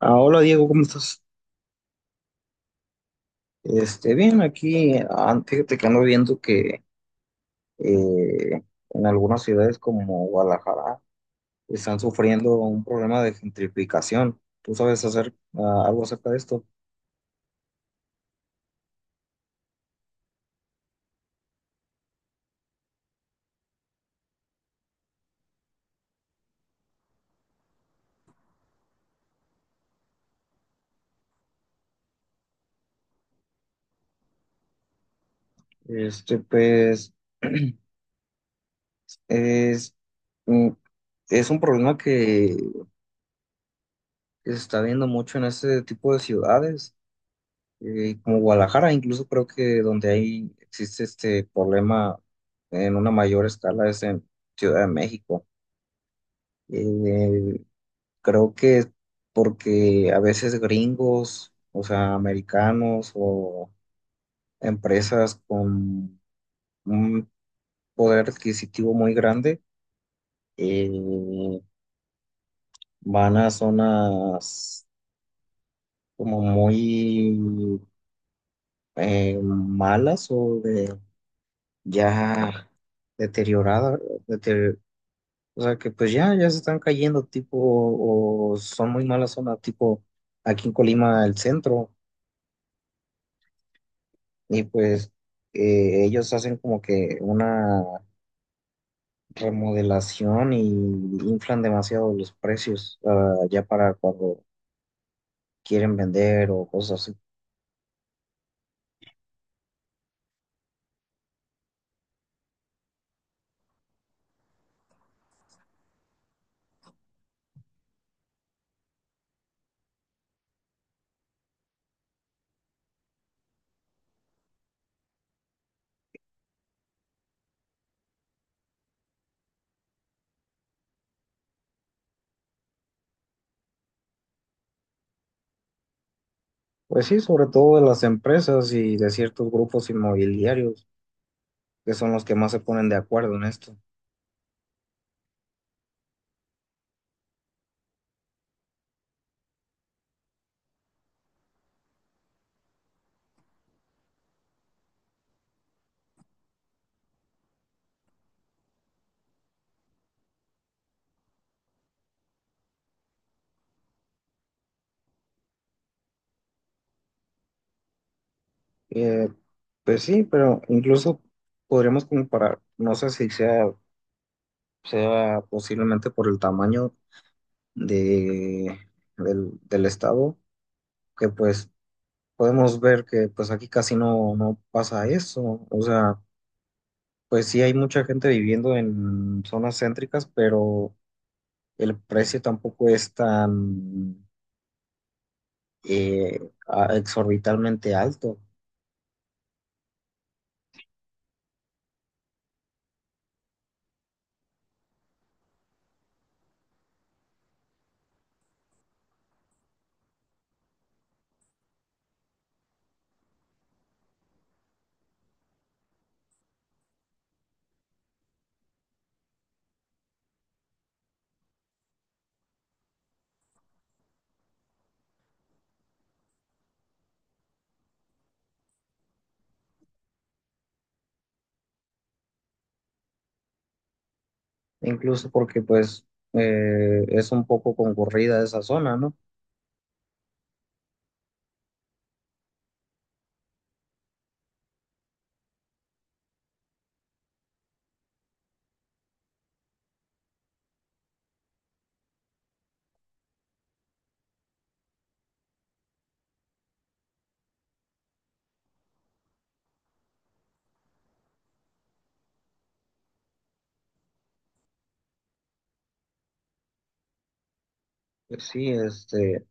Ah, hola Diego, ¿cómo estás? Bien, aquí, fíjate que ando viendo que eh, en algunas ciudades como Guadalajara están sufriendo un problema de gentrificación. ¿Tú sabes hacer algo acerca de esto? Este, pues, es, mm, es un problema que se está viendo mucho en este tipo de ciudades, como Guadalajara, incluso creo que existe este problema en una mayor escala es en Ciudad de México. Eh, Creo que es porque a veces gringos, o sea, americanos o empresas con un poder adquisitivo muy grande, eh, van a zonas como muy malas o de ya deterioradas, o sea, que pues ya se están cayendo tipo o son muy malas zonas tipo aquí en Colima el centro. Y pues ellos hacen como que una remodelación y inflan demasiado los precios ya para cuando quieren vender o cosas así. Pues sí, sobre todo de las empresas y de ciertos grupos inmobiliarios que son los que más se ponen de acuerdo en esto. Eh, pues sí, pero incluso podríamos comparar, no sé si sea posiblemente por el tamaño de, del estado, que pues podemos ver que pues aquí casi no, no pasa eso. O sea, pues sí hay mucha gente viviendo en zonas céntricas, pero el precio tampoco es tan eh, exorbitalmente alto, incluso porque pues es un poco concurrida esa zona, ¿no? Pues sí, este,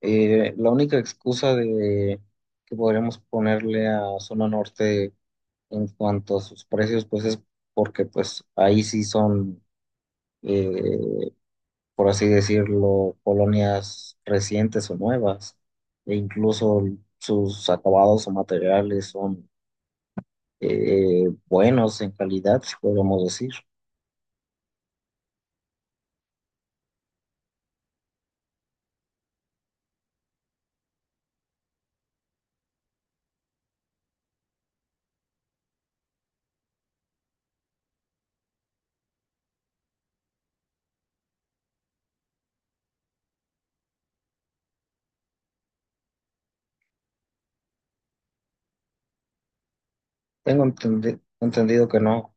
eh, la única excusa de que podríamos ponerle a zona norte en cuanto a sus precios, pues es porque pues ahí sí son eh, por así decirlo, colonias recientes o nuevas, e incluso sus acabados o materiales son buenos en calidad, si podemos decir. Tengo entendido que no.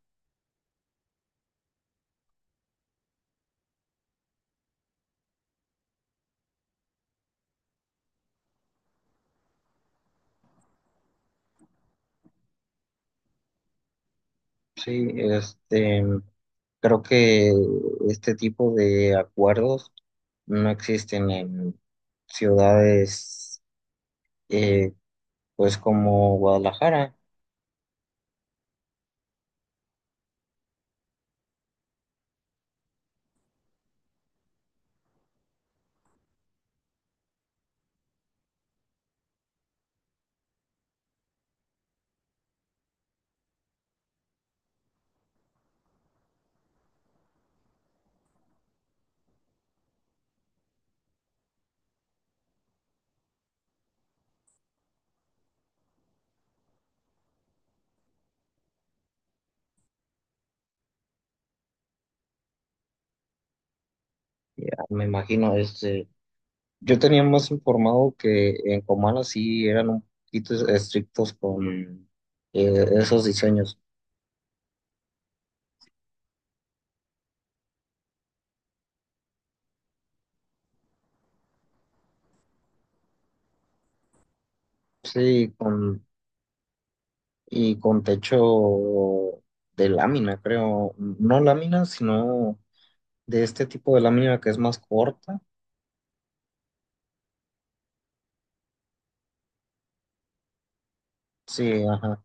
Sí, creo que este tipo de acuerdos no existen en ciudades eh, pues como Guadalajara. Ya me imagino yo tenía más informado que en Comala sí eran un poquito estrictos con esos diseños. Sí, con, y con techo de lámina, creo. No lámina, sino de este tipo de lámina que es más corta. Sí, ajá.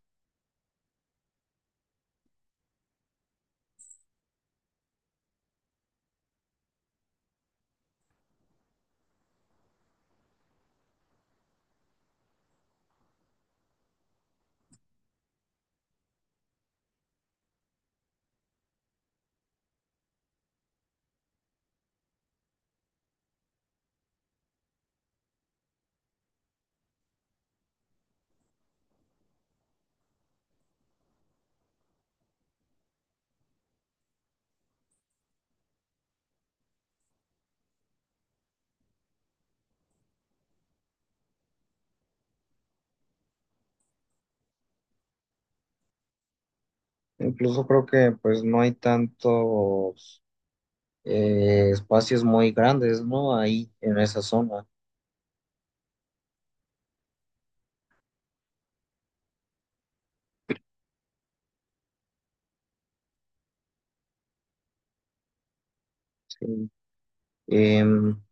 Incluso creo que pues no hay tantos espacios muy grandes, ¿no? Ahí en esa zona. Sí. Em,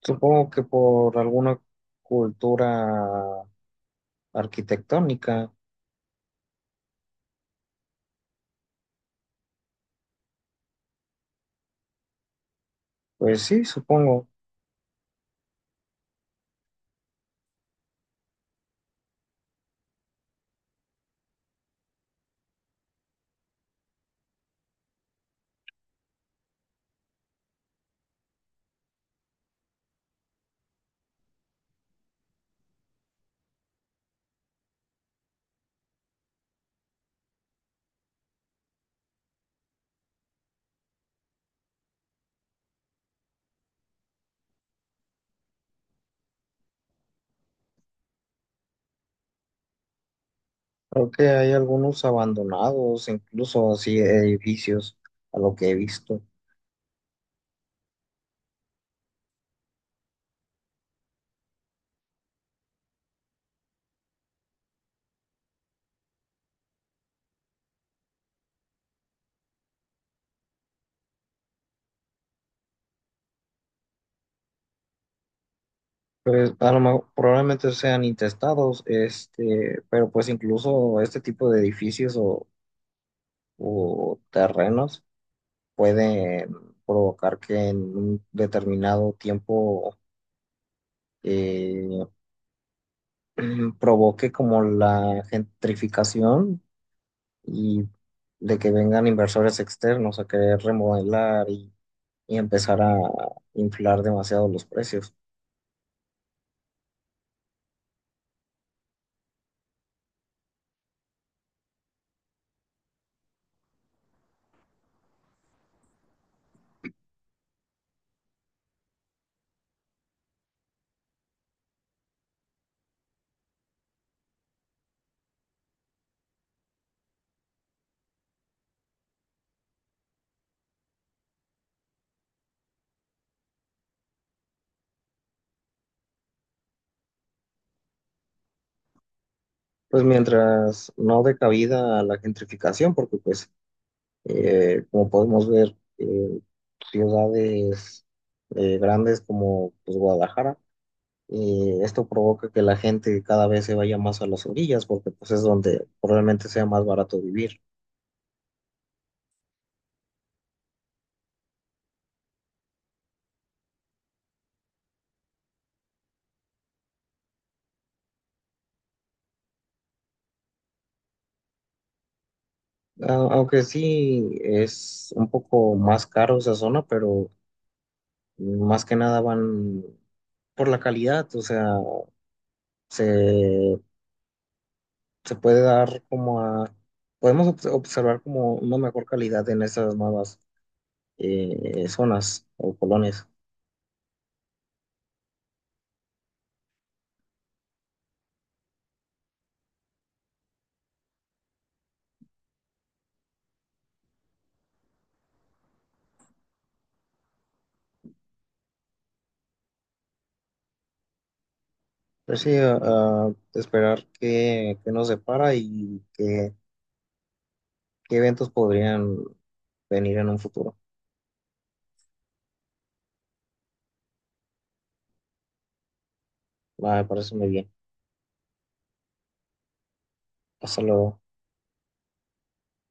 Supongo que por alguna cultura arquitectónica. Pues sí, supongo. Creo que hay algunos abandonados, incluso así edificios, a lo que he visto. Pues a lo mejor probablemente sean intestados, pero pues incluso este tipo de edificios o terrenos pueden provocar que en un determinado tiempo eh, provoque como la gentrificación y de que vengan inversores externos a querer remodelar y empezar a inflar demasiado los precios. Pues mientras no dé cabida a la gentrificación, porque pues como podemos ver, ciudades grandes como pues, Guadalajara, esto provoca que la gente cada vez se vaya más a las orillas, porque pues es donde probablemente sea más barato vivir. Aunque sí es un poco más caro esa zona, pero más que nada van por la calidad, o sea, se se puede dar como a, podemos observar como una mejor calidad en esas nuevas zonas o colonias. Pero sí, a esperar qué, qué nos depara y qué, qué eventos podrían venir en un futuro. Me parece muy bien. Hasta luego.